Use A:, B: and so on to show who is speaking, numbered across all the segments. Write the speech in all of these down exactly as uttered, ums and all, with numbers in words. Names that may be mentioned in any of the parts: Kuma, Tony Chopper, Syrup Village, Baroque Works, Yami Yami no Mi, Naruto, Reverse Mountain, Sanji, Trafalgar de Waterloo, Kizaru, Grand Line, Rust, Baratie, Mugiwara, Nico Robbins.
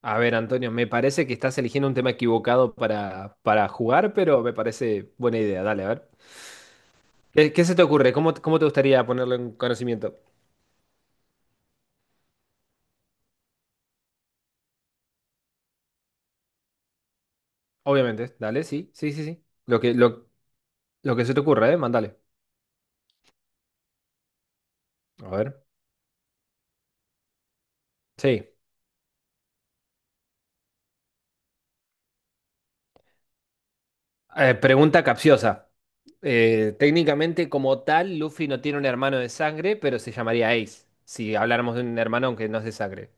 A: A ver, Antonio, me parece que estás eligiendo un tema equivocado para, para jugar, pero me parece buena idea. Dale, a ver. ¿Qué, qué se te ocurre? ¿Cómo, cómo te gustaría ponerlo en conocimiento? Obviamente, dale, sí, sí, sí, sí. Lo que, lo, lo que se te ocurra, ¿eh? Mándale. A ver. Sí. Eh, pregunta capciosa. Eh, técnicamente, como tal, Luffy no tiene un hermano de sangre, pero se llamaría Ace, si habláramos de un hermano aunque no es de sangre.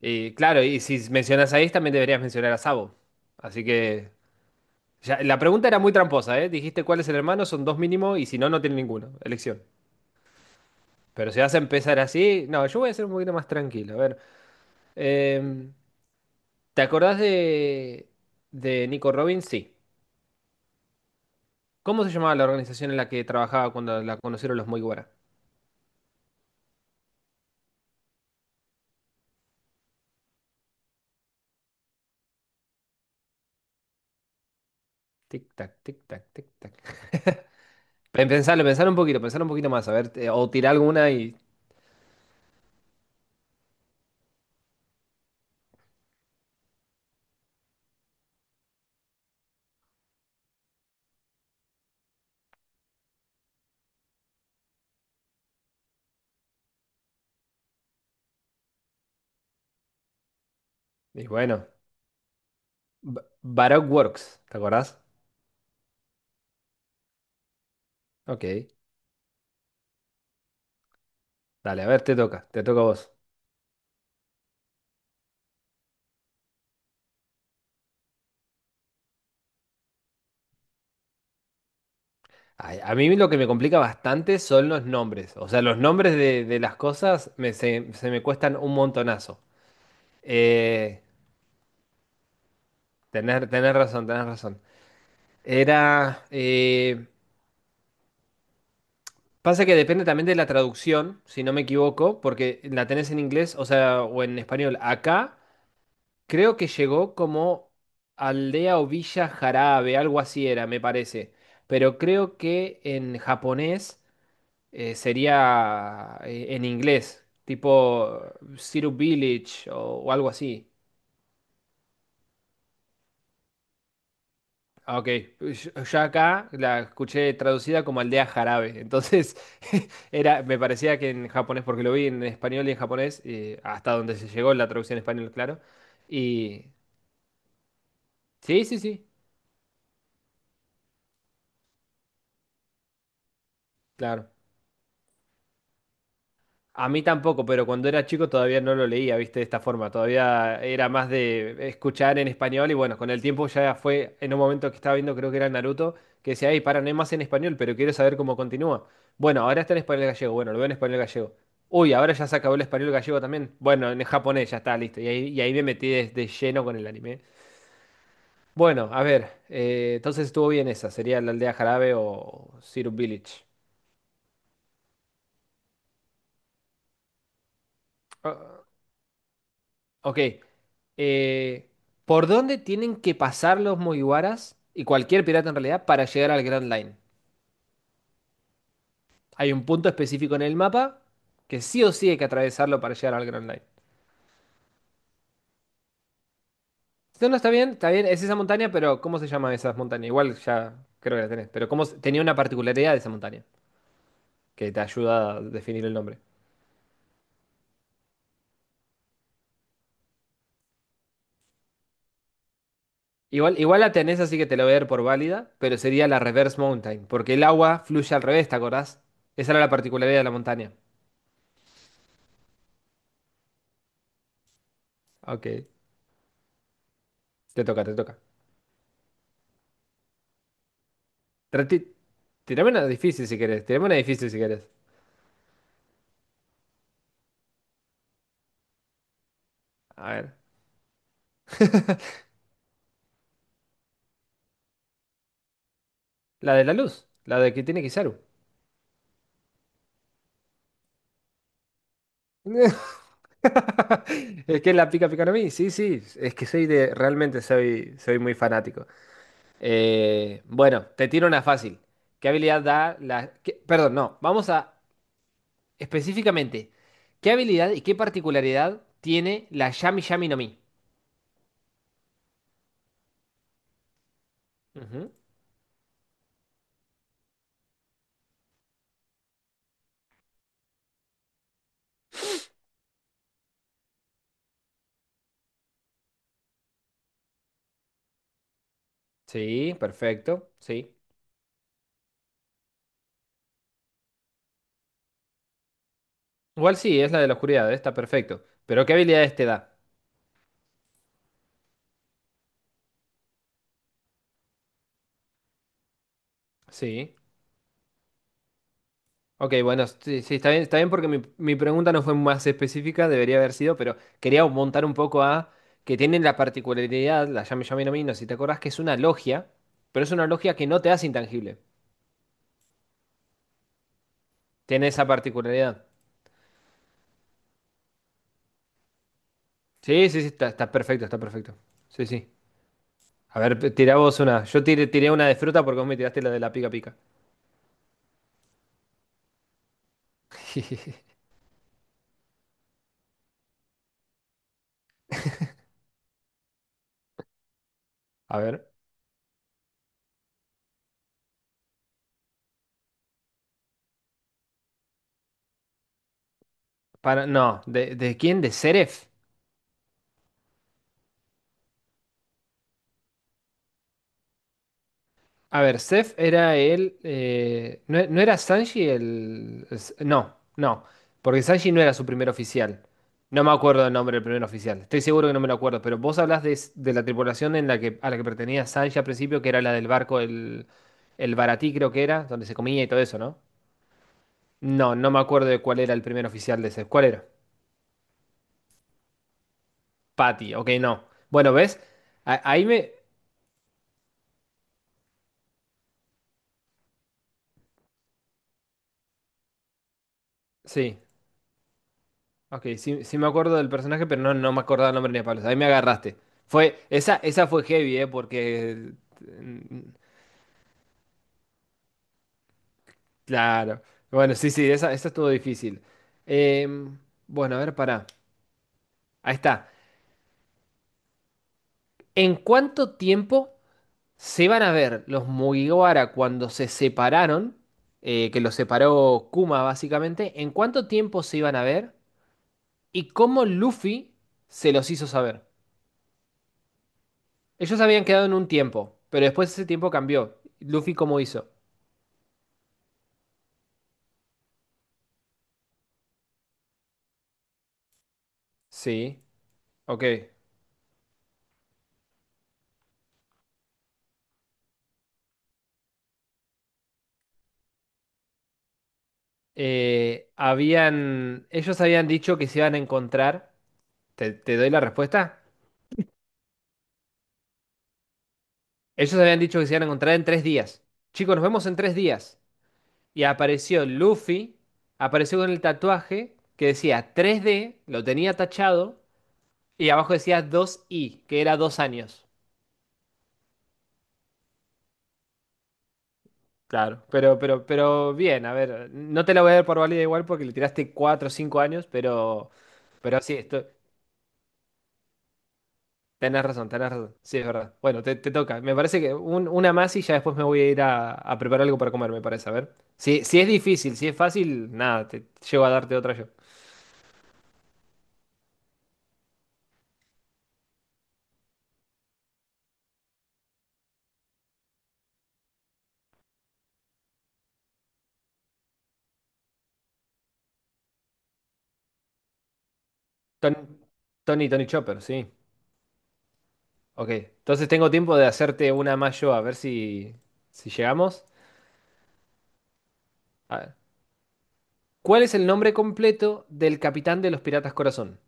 A: Y claro, y si mencionas a Ace, también deberías mencionar a Sabo. Así que Ya, la pregunta era muy tramposa, ¿eh? Dijiste cuál es el hermano, son dos mínimo y si no, no tiene ninguno. Elección. Pero si vas a empezar así, no, yo voy a ser un poquito más tranquilo. A ver, em, ¿te acordás de, de Nico Robbins? Sí. ¿Cómo se llamaba la organización en la que trabajaba cuando la conocieron los Mugiwara? Tic tac, tic tac, tic tac. Pen- Pensalo, pensalo un poquito, pensalo un poquito más. A ver, te- o tirar alguna y, y bueno. Ba- Baroque Works, ¿te acordás? Ok. Dale, a ver, te toca, te toca a vos. Ay, a mí lo que me complica bastante son los nombres. O sea, los nombres de, de las cosas me, se, se me cuestan un montonazo. Eh, tener, tener razón, tener razón. Era... eh, Pasa que depende también de la traducción, si no me equivoco, porque la tenés en inglés, o sea, o en español. Acá creo que llegó como aldea o villa jarabe, algo así era, me parece. Pero creo que en japonés, eh, sería, eh, en inglés, tipo Syrup Village o, o algo así. Ah, ok, yo yo acá la escuché traducida como aldea jarabe, entonces era, me parecía que en japonés, porque lo vi en español y en japonés, eh, hasta donde se llegó la traducción en español, claro. Y sí, sí, sí, claro. A mí tampoco, pero cuando era chico todavía no lo leía, viste, de esta forma. Todavía era más de escuchar en español y bueno, con el tiempo ya fue en un momento que estaba viendo, creo que era Naruto, que decía, ay, para, no hay más en español, pero quiero saber cómo continúa. Bueno, ahora está en español gallego, bueno, lo veo en español gallego. Uy, ahora ya se acabó el español gallego también. Bueno, en japonés ya está, listo. Y ahí, y ahí me metí de, de lleno con el anime. Bueno, a ver, eh, entonces estuvo bien esa, sería la aldea Jarabe o Zero Village. Ah, ok. eh, ¿Por dónde tienen que pasar los Mugiwaras y cualquier pirata en realidad para llegar al Grand Line? Hay un punto específico en el mapa que sí o sí hay que atravesarlo para llegar al Grand Line. Si no, no está bien, está bien, es esa montaña, pero ¿cómo se llama esa montaña? Igual ya creo que la tenés, pero ¿cómo se- tenía una particularidad de esa montaña que te ayuda a definir el nombre? Igual, igual la tenés, así que te la voy a dar por válida, pero sería la Reverse Mountain, porque el agua fluye al revés, ¿te acordás? Esa era la particularidad de la montaña. Ok, te toca, te toca. Trati- Tirame una difícil si querés. Tirame una difícil si querés. A ver. La de la luz. La de que tiene Kizaru. Es que la pica pica a mí. Sí, sí. Es que soy de. Realmente soy, soy muy fanático. Eh, bueno, te tiro una fácil. ¿Qué habilidad da la? qué- Perdón, no. Vamos a. Específicamente. ¿Qué habilidad y qué particularidad tiene la Yami Yami no Mi? Ujú. Sí, perfecto. Sí. Igual sí, es la de la oscuridad. eh, Está perfecto. Pero ¿qué habilidades te da? Sí. Ok, bueno, sí, sí, está bien, está bien, porque mi, mi pregunta no fue más específica, debería haber sido, pero quería montar un poco a que tienen la particularidad, la llame llamen a mí, no sé si te acordás, que es una logia, pero es una logia que no te hace intangible. Tiene esa particularidad. Sí, sí, sí, está, está perfecto, está perfecto. Sí, sí. A ver, pe- tirá vos una. Yo tiré, tiré una de fruta porque vos me tiraste la de la pica pica. A ver, para, no, ¿de, de quién? ¿De Seref? A ver, Seth era el. Eh, no, e- no era Sanji el. es- No, no. Porque Sanji no era su primer oficial. No me acuerdo el nombre del primer oficial. Estoy seguro que no me lo acuerdo. Pero vos hablás de, s- de la tripulación en la que, a la que pertenecía Sanji al principio, que era la del barco, el, el Baratí, creo que era, donde se comía y todo eso, ¿no? No, no me acuerdo de cuál era el primer oficial de Seth. ¿Cuál era? Patty, ok, no. Bueno, ¿ves? A- ahí me. Sí. Ok, sí, sí me acuerdo del personaje, pero no, no me acordaba el nombre ni a palos. Ahí me agarraste. Fue, esa, esa fue heavy, ¿eh? Porque... mm, Claro. Bueno, sí, sí, esa, esa estuvo difícil. Em, bueno, a ver, pará. Ahí está. ¿En cuánto tiempo se van a ver los Mugiwara cuando se separaron? Eh, que los separó Kuma, básicamente. ¿En cuánto tiempo se iban a ver? ¿Y cómo Luffy se los hizo saber? Ellos habían quedado en un tiempo, pero después ese tiempo cambió. Luffy, ¿cómo hizo? Sí, ok. Eh, habían, ellos habían dicho que se iban a encontrar. ¿Te, te doy la respuesta? Ellos habían dicho que se iban a encontrar en tres días. Chicos, nos vemos en tres días. Y apareció Luffy, apareció con el tatuaje que decía tres d, lo tenía tachado, y abajo decía dos i, que era dos años. Claro, pero, pero, pero bien, a ver, no te la voy a dar por válida igual porque le tiraste cuatro o cinco años, pero, pero sí, esto, tenés razón, tenés razón, sí, es verdad. Bueno, te, te toca, me parece que un- una más y ya después me voy a ir a, a preparar algo para comer, me parece, a ver. Si, si es difícil, si es fácil, nada, te llego a darte otra yo. Ton- Tony, Tony Chopper, sí, ok. Entonces tengo tiempo de hacerte una más yo, a ver si, si llegamos. A ver. ¿Cuál es el nombre completo del capitán de los Piratas Corazón?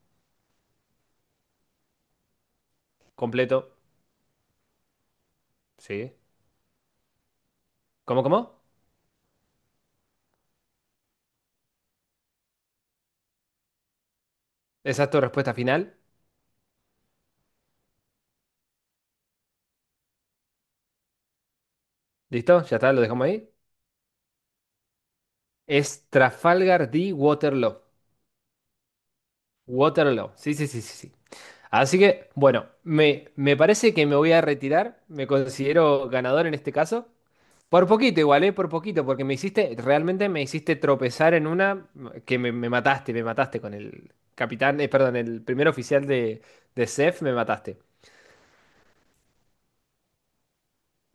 A: Completo, sí. ¿Cómo, cómo? Esa es tu respuesta final. ¿Listo? Ya está, lo dejamos ahí. Es Trafalgar de Waterloo. Waterloo. Sí, sí, sí, sí, sí. Así que, bueno, me, me parece que me voy a retirar. Me considero ganador en este caso. Por poquito igual, ¿eh? Por poquito, porque me hiciste, realmente me hiciste tropezar en una que me, me mataste, me mataste con el capitán, eh, perdón, el primer oficial de, de C E F, me mataste.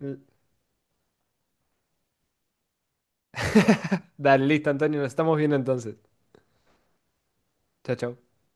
A: Mm, Dale, listo, Antonio, nos estamos viendo entonces. Chao, chao.